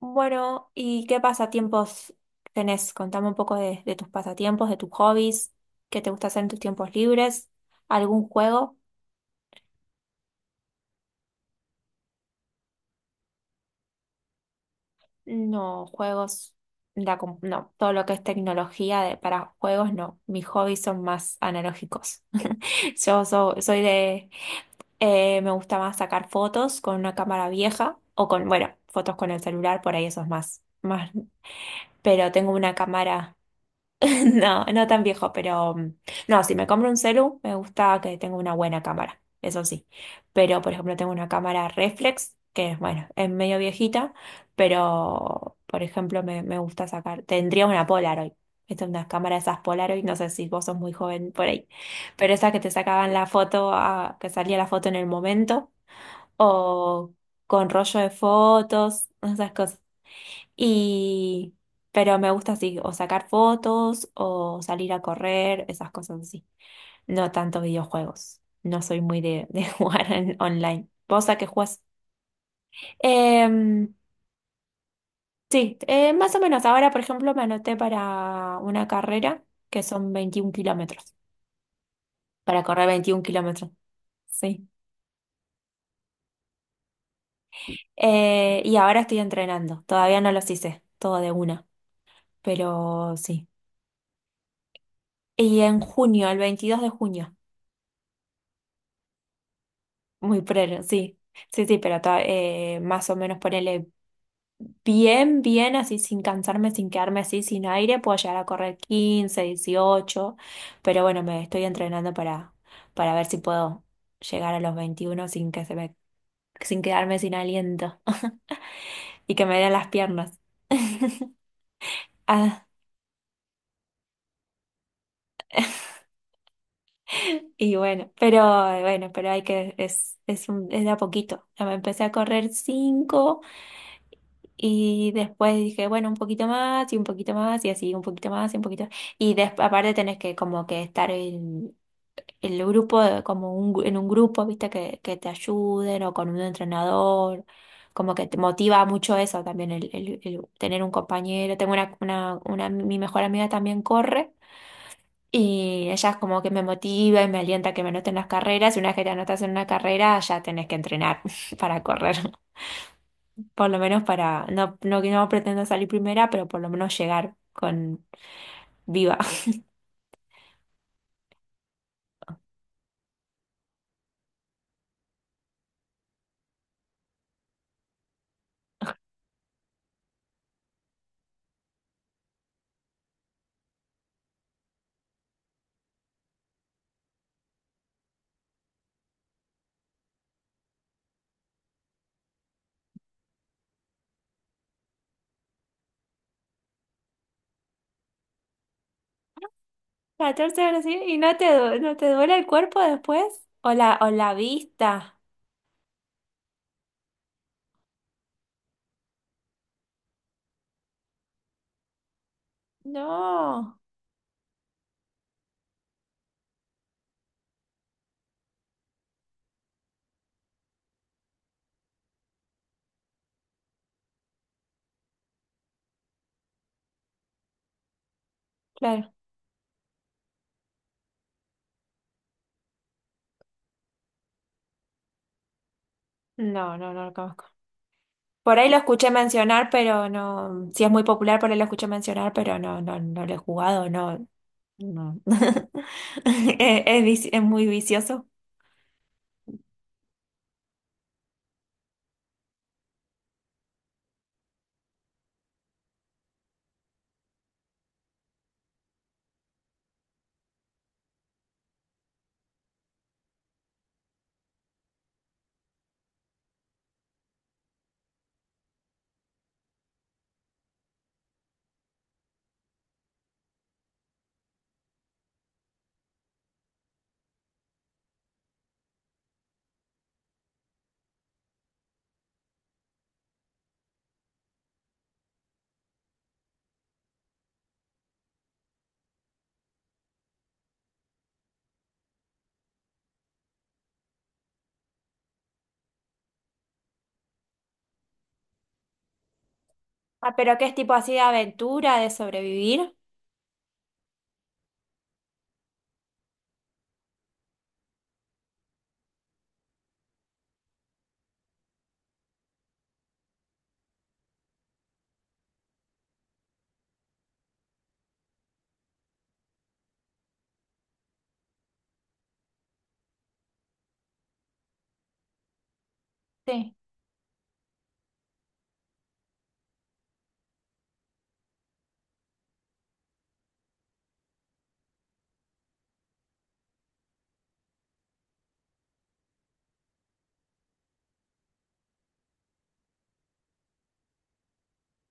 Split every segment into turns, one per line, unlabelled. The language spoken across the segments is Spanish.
Bueno, ¿y qué pasatiempos tenés? Contame un poco de tus pasatiempos, de tus hobbies, qué te gusta hacer en tus tiempos libres, algún juego, no, juegos, no, todo lo que es tecnología para juegos, no, mis hobbies son más analógicos. Yo so- soy de, Me gusta más sacar fotos con una cámara vieja o bueno, fotos con el celular, por ahí eso es más, más, pero tengo una cámara. No, no tan viejo, pero no, si me compro un celu, me gusta que tenga una buena cámara, eso sí. Pero, por ejemplo, tengo una cámara reflex, que bueno, es medio viejita, pero, por ejemplo, me gusta sacar, tendría una Polaroid. Esta es una cámara de esas Polaroid, no sé si vos sos muy joven por ahí, pero esas que te sacaban la foto, que salía la foto en el momento, o con rollo de fotos, esas cosas. Y, pero me gusta así, o sacar fotos, o salir a correr, esas cosas así. No tanto videojuegos. No soy muy de jugar online. ¿Vos a qué jugás? Em, sí, más o menos. Ahora, por ejemplo, me anoté para una carrera que son 21 kilómetros. Para correr 21 kilómetros. Sí. Y ahora estoy entrenando. Todavía no los hice, todo de una. Pero sí. Y en junio, el 22 de junio. Muy prero, sí. Sí, sí, pero más o menos ponerle bien, bien, así sin cansarme, sin quedarme así sin aire, puedo llegar a correr 15 dieciocho. Pero bueno, me estoy entrenando para ver si puedo llegar a los 21 sin quedarme sin aliento, y que me den las piernas. Ah, y bueno, pero hay que, es de a poquito. Ya me empecé a correr cinco. Y después dije, bueno, un poquito más y un poquito más y así, un poquito más y un poquito. Aparte tenés que como que estar en el grupo, como en un grupo, viste, que te ayuden o con un entrenador. Como que te motiva mucho eso también, el tener un compañero. Tengo mi mejor amiga también corre, y ella es como que me motiva y me alienta a que me anoten las carreras. Y una vez que te anotas en una carrera, ya tenés que entrenar para correr por lo menos no, no, no pretendo salir primera, pero por lo menos llegar con viva. 14 horas, ¿sí? ¿Y no te duele el cuerpo después? ¿O la vista? No, claro. No, no, no lo conozco. Por ahí lo escuché mencionar, pero no, si es muy popular, por ahí lo escuché mencionar, pero no, no, no lo he jugado, no, no. Es muy vicioso. Ah, pero ¿qué es tipo así de aventura, de sobrevivir? Sí.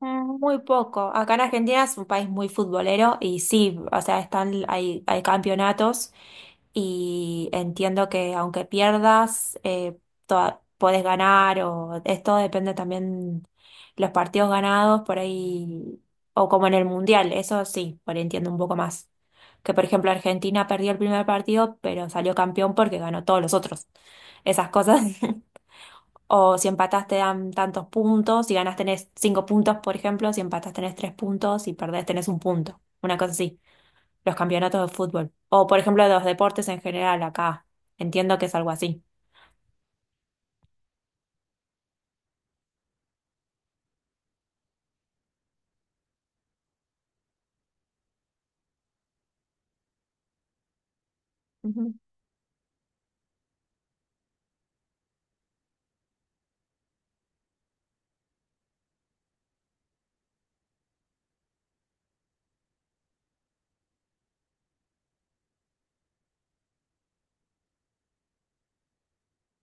Muy poco. Acá en Argentina es un país muy futbolero y sí, o sea, hay campeonatos, y entiendo que aunque pierdas, podés ganar o esto depende también los partidos ganados por ahí, o como en el Mundial, eso sí, por ahí entiendo un poco más. Que por ejemplo Argentina perdió el primer partido, pero salió campeón porque ganó todos los otros. Esas cosas. O si empatas te dan tantos puntos, si ganas tenés 5 puntos, por ejemplo, si empatas tenés 3 puntos, si perdés tenés un punto. Una cosa así, los campeonatos de fútbol. O por ejemplo, de los deportes en general acá. Entiendo que es algo así. Ujú.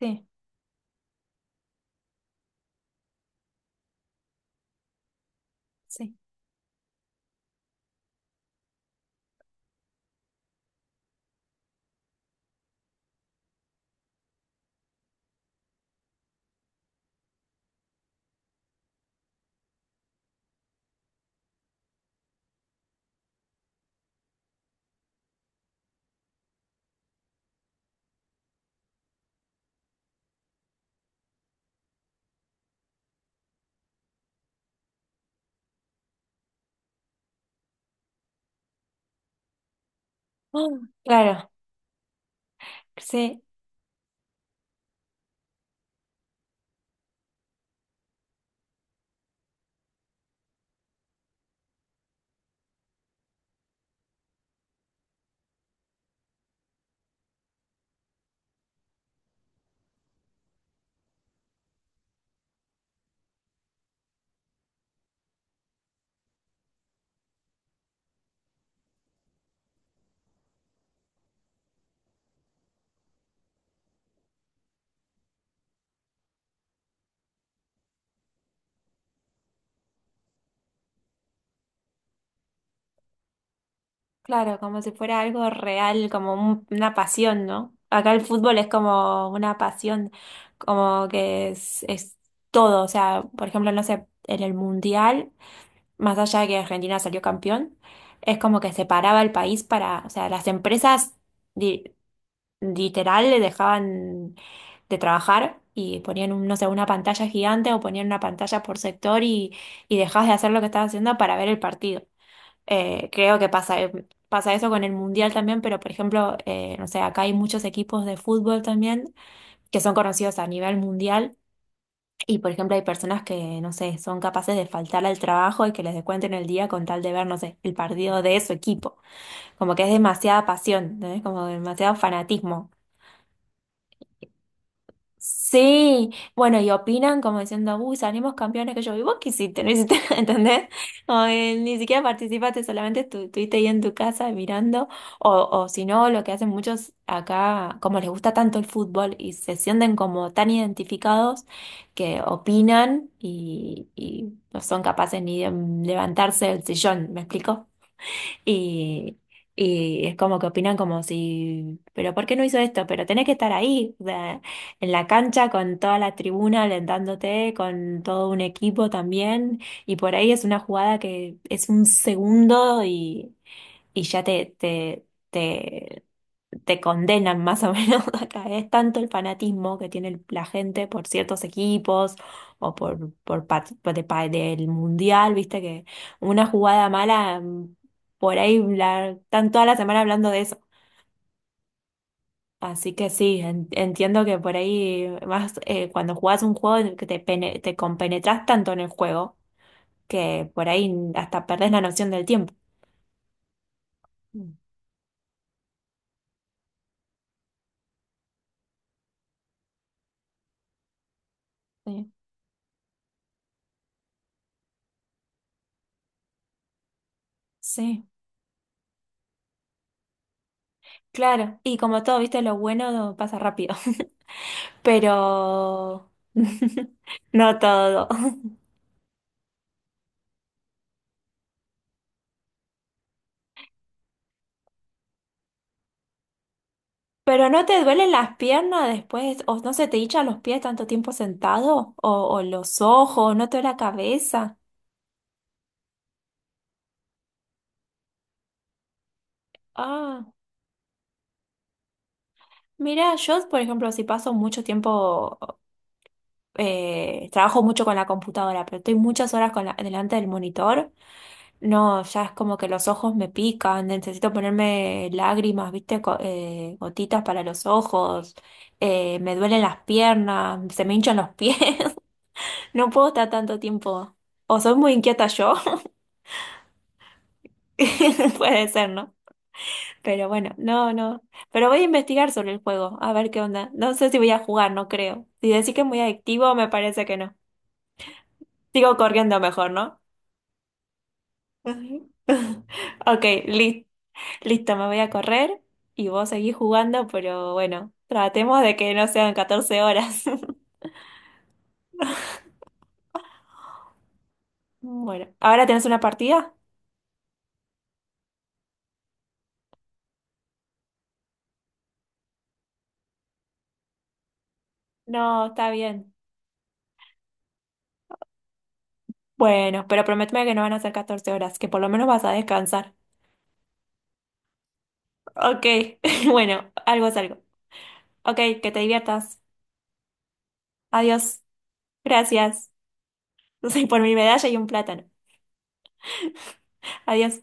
Sí, sí. Ah, claro. Sí, claro, como si fuera algo real, como una pasión, ¿no? Acá el fútbol es como una pasión, como que es todo, o sea, por ejemplo, no sé, en el mundial. Más allá de que Argentina salió campeón, es como que separaba el país para, o sea, las empresas li- literal le dejaban de trabajar y ponían, no sé, una pantalla gigante, o ponían una pantalla por sector, y dejabas de hacer lo que estabas haciendo para ver el partido. Creo que pasa, pasa eso con el Mundial también, pero por ejemplo, no sé, acá hay muchos equipos de fútbol también que son conocidos a nivel mundial, y por ejemplo, hay personas que, no sé, son capaces de faltar al trabajo y que les descuenten el día con tal de ver, no sé, el partido de su equipo. Como que es demasiada pasión, ¿no? Como demasiado fanatismo. Sí, bueno, y opinan como diciendo, uy, salimos campeones que yo, ¿y vos qué hiciste? ¿No hiciste? ¿Entendés? O, ni siquiera participaste, solamente estuviste ahí en tu casa mirando, o si no, lo que hacen muchos acá, como les gusta tanto el fútbol y se sienten como tan identificados que opinan, y no son capaces ni de levantarse del sillón, ¿me explico? Y, y es como que opinan como si, pero ¿por qué no hizo esto? Pero tenés que estar ahí, o sea, en la cancha con toda la tribuna alentándote, con todo un equipo también. Y por ahí es una jugada que es un segundo, y ya te te condenan más o menos acá. Es tanto el fanatismo que tiene la gente por ciertos equipos o por, pa- por de pa- del mundial, viste que una jugada mala, por ahí están toda la semana hablando de eso. Así que sí, entiendo que por ahí más, cuando jugás un juego en el que te compenetras tanto en el juego que por ahí hasta perdés la noción del tiempo. Mm. Sí, sí, claro. Y como todo, viste, lo bueno pasa rápido. Pero no todo. ¿Pero no te duelen las piernas después? ¿O no se te hinchan los pies tanto tiempo sentado? ¿O los ojos? ¿No te duele la cabeza? Ah, mira, yo, por ejemplo, si paso mucho tiempo, trabajo mucho con la computadora, pero estoy muchas horas con delante del monitor. No, ya es como que los ojos me pican, necesito ponerme lágrimas, ¿viste? Gotitas para los ojos. Me duelen las piernas, se me hinchan los pies, no puedo estar tanto tiempo. O soy muy inquieta yo, puede ser, ¿no? Pero bueno, no, no. Pero voy a investigar sobre el juego, a ver qué onda. No sé si voy a jugar, no creo. Si decís que es muy adictivo, me parece que no. Sigo corriendo mejor, ¿no? Ok, listo. Listo, me voy a correr y vos seguís jugando, pero bueno, tratemos de que no sean 14 horas. Bueno, ¿ahora tenés una partida? No, está bien. Bueno, pero prométeme que no van a ser 14 horas, que por lo menos vas a descansar. Ok, bueno, algo es algo. Ok, que te diviertas. Adiós. Gracias. Por mi medalla y un plátano. Adiós.